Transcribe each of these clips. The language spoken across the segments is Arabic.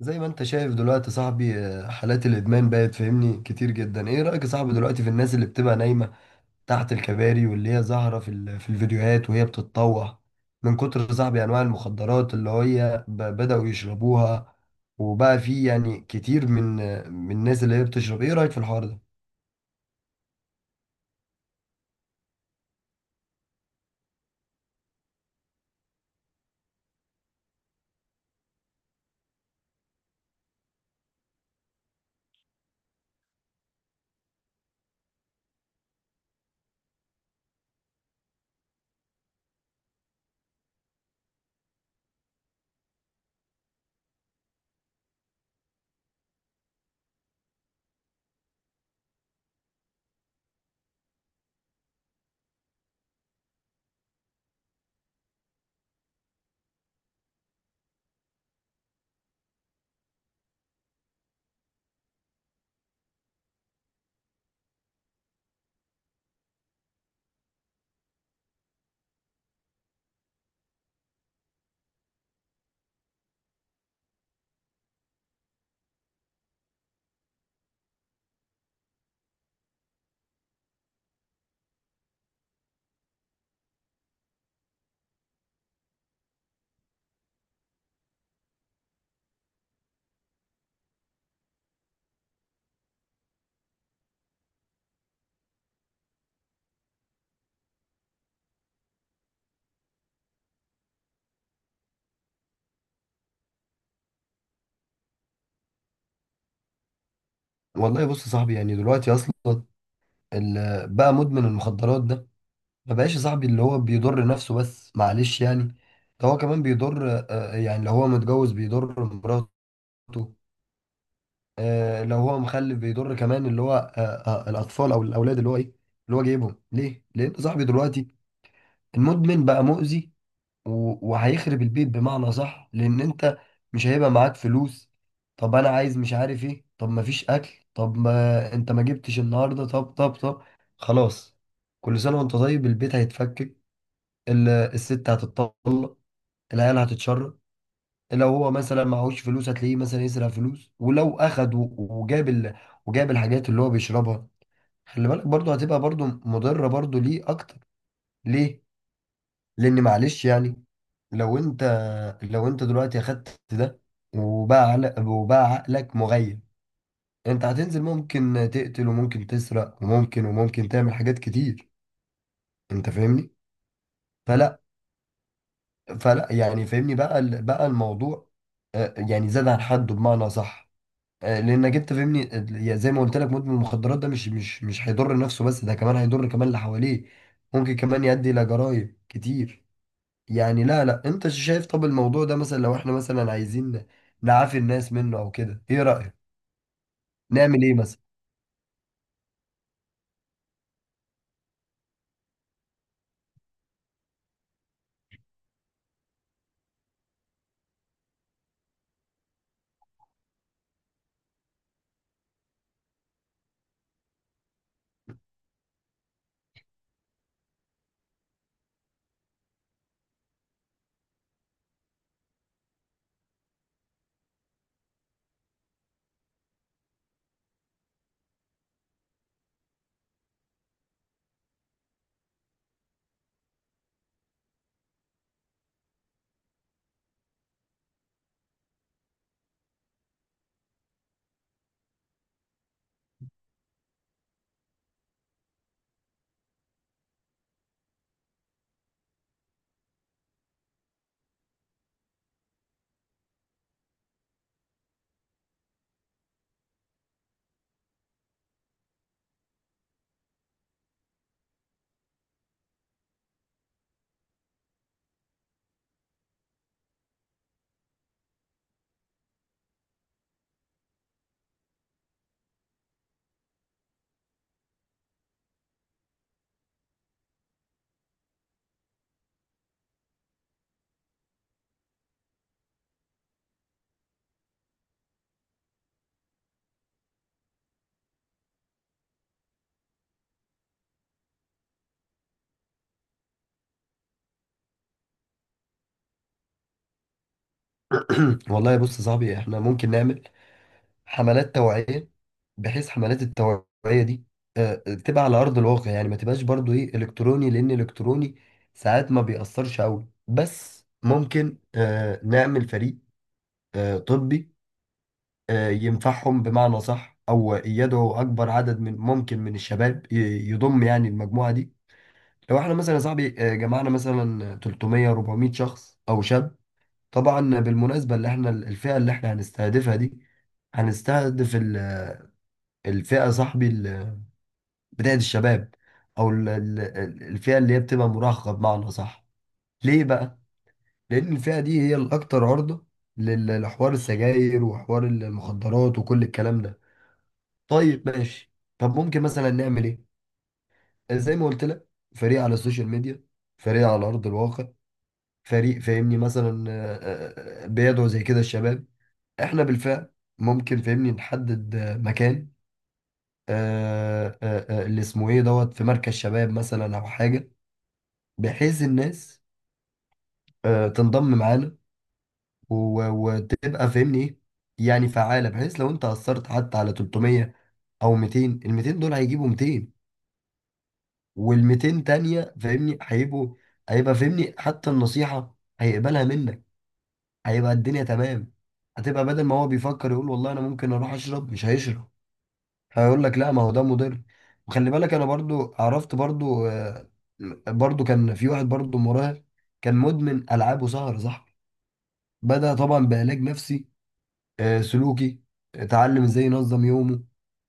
زي ما انت شايف دلوقتي صاحبي حالات الادمان بقت فاهمني كتير جدا. ايه رايك يا صاحبي دلوقتي في الناس اللي بتبقى نايمه تحت الكباري، واللي هي ظاهره في الفيديوهات وهي بتتطوح من كتر، صاحبي، انواع المخدرات اللي هي بداوا يشربوها، وبقى في يعني كتير من الناس اللي هي بتشرب؟ ايه رايك في الحوار ده؟ والله بص يا صاحبي، يعني دلوقتي اصلا بقى مدمن المخدرات ده ما بقاش يا صاحبي اللي هو بيضر نفسه بس، معلش يعني. ده هو كمان بيضر، يعني لو هو متجوز بيضر مراته. آه لو هو مخلف بيضر كمان اللي هو الاطفال او الاولاد اللي هو ايه، اللي هو جايبهم ليه، لان انت صاحبي دلوقتي المدمن بقى مؤذي. وهيخرب البيت بمعنى صح، لان انت مش هيبقى معاك فلوس. طب انا عايز، مش عارف ايه، طب ما فيش اكل، طب ما انت ما جبتش النهارده، طب طب طب، خلاص. كل سنه وانت طيب. البيت هيتفكك، الست هتتطلق، العيال هتتشرد. لو هو مثلا معهوش فلوس هتلاقيه مثلا يسرق فلوس، ولو اخد وجاب وجاب الحاجات اللي هو بيشربها، خلي بالك برضو هتبقى برضو مضرة برضو ليه اكتر. ليه؟ لان معلش يعني، لو انت لو انت دلوقتي اخدت ده، وباع عقلك مغيب، انت هتنزل ممكن تقتل، وممكن تسرق، وممكن تعمل حاجات كتير. انت فاهمني؟ فلا فلا، يعني فاهمني بقى بقى الموضوع، يعني زاد عن حده، بمعنى صح. لانك انت فاهمني، زي ما قلت لك مدمن المخدرات ده مش هيضر نفسه بس، ده كمان هيضر كمان اللي حواليه. ممكن كمان يؤدي الى جرائم كتير. يعني لا لا انت شايف، طب الموضوع ده مثلا لو احنا مثلا عايزين نعافي الناس منه او كده، ايه رأيك نعمل ايه مثلا؟ والله بص يا صاحبي، احنا ممكن نعمل حملات توعية، بحيث حملات التوعية دي تبقى على أرض الواقع، يعني ما تبقاش برضو إيه، إلكتروني، لأن إلكتروني ساعات ما بيأثرش أوي. بس ممكن نعمل فريق طبي، ينفعهم بمعنى صح، أو يدعو أكبر عدد من ممكن من الشباب، يضم يعني المجموعة دي. لو احنا مثلا يا صاحبي، جمعنا مثلا 300 400 شخص أو شاب، طبعا بالمناسبة اللي احنا الفئة اللي احنا هنستهدفها دي، هنستهدف الفئة صاحبي بداية الشباب، أو الفئة اللي هي بتبقى مراهقة بمعنى صح. ليه بقى؟ لأن الفئة دي هي الأكثر عرضة لحوار السجاير وحوار المخدرات وكل الكلام ده. طيب ماشي. طب ممكن مثلا نعمل إيه؟ زي ما قلت لك، فريق على السوشيال ميديا، فريق على أرض الواقع، فريق فاهمني مثلا، بيدعو زي كده الشباب. إحنا بالفعل ممكن فاهمني نحدد مكان اللي اسمه ايه دوت، في مركز شباب مثلا او حاجه، بحيث الناس تنضم معانا، وتبقى فاهمني ايه، يعني فعاله. بحيث لو انت اثرت حتى على 300 او 200، ال 200 دول هيجيبوا 200، وال 200 تانيه فاهمني هيبقوا، هيبقى فاهمني حتى النصيحه هيقبلها منك، هيبقى الدنيا تمام. هتبقى بدل ما هو بيفكر يقول والله انا ممكن اروح اشرب، مش هيشرب، هيقول لك لا ما هو ده مضر. وخلي بالك، انا برضو عرفت برضو برضو كان في واحد برضو مراهق كان مدمن العاب وسهر، صح؟ بدأ طبعا بعلاج نفسي سلوكي، اتعلم ازاي ينظم يومه،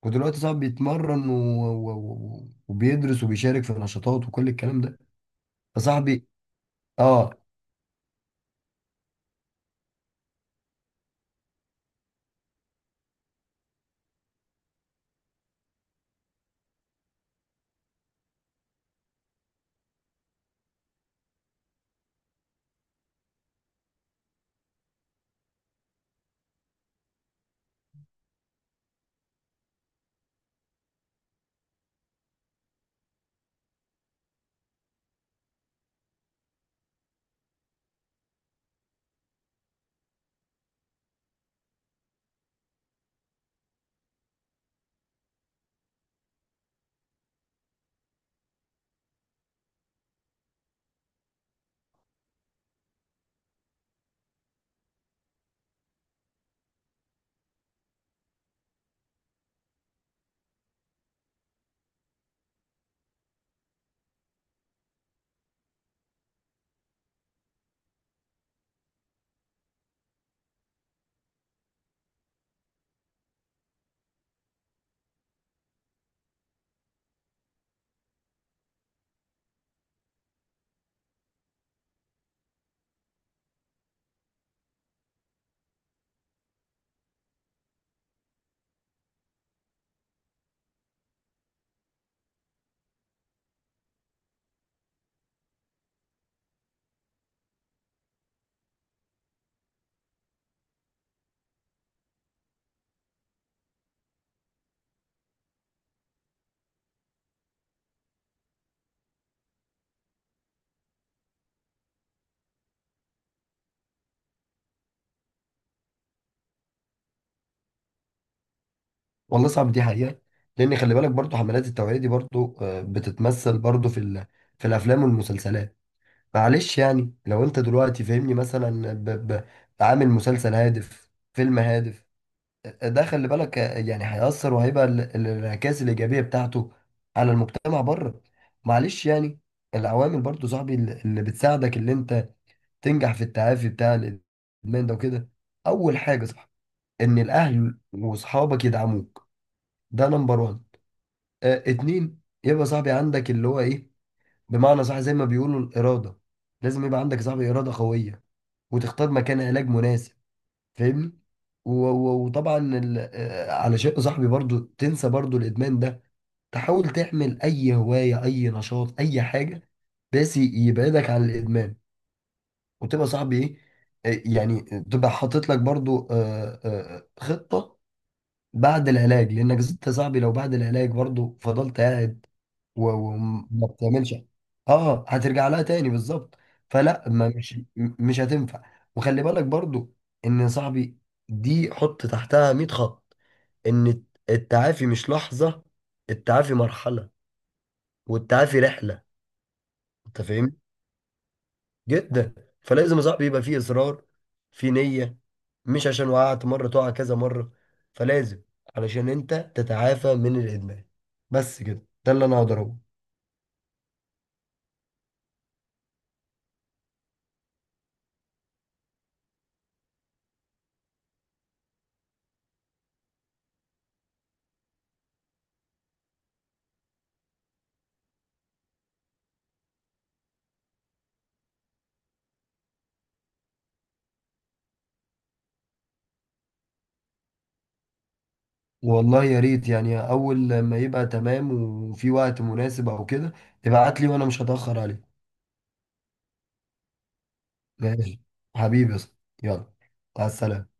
ودلوقتي صاحبي بيتمرن وبيدرس وبيشارك في نشاطات وكل الكلام ده. فصاحبي، اه. والله صاحبي دي حقيقة، لان خلي بالك برضو حملات التوعية دي برضو بتتمثل برضو في الافلام والمسلسلات. معلش يعني لو انت دلوقتي فاهمني مثلا عامل مسلسل هادف، فيلم هادف. ده خلي بالك يعني هيأثر، وهيبقى الانعكاس الإيجابية بتاعته على المجتمع بره. معلش يعني، العوامل برضو صاحبي اللي بتساعدك اللي انت تنجح في التعافي بتاع الإدمان ده وكده. أول حاجة صح، إن الأهل وأصحابك يدعموك، ده نمبر وان. اه، اتنين يبقى صاحبي عندك اللي هو إيه، بمعنى صح زي ما بيقولوا، الإرادة. لازم يبقى عندك صاحبي إرادة قوية، وتختار مكان علاج مناسب، فاهمني. وطبعا على شيء صاحبي برضو تنسى برضو الادمان ده، تحاول تعمل اي هواية، اي نشاط، اي حاجة بس يبعدك عن الادمان. وتبقى صاحبي ايه، يعني تبقى حاطط لك برضو خطة بعد العلاج. لانك انت صاحبي لو بعد العلاج برضو فضلت قاعد وما بتعملش، اه هترجع لها تاني بالظبط. فلا ما مش مش هتنفع. وخلي بالك برضو ان، يا صاحبي، دي حط تحتها 100 خط، ان التعافي مش لحظة، التعافي مرحلة، والتعافي رحلة. انت فاهم، جدا. فلازم يا صاحبي يبقى فيه اصرار، في نية. مش عشان وقعت مرة تقع كذا مرة. فلازم، علشان انت تتعافى من الادمان. بس كده، ده اللي انا اقدر اقوله. والله يا ريت، يعني اول لما يبقى تمام وفي وقت مناسب او كده، ابعت لي وانا مش هتأخر عليك. ماشي، حبيبي يا اسطى. يلا، مع السلامة.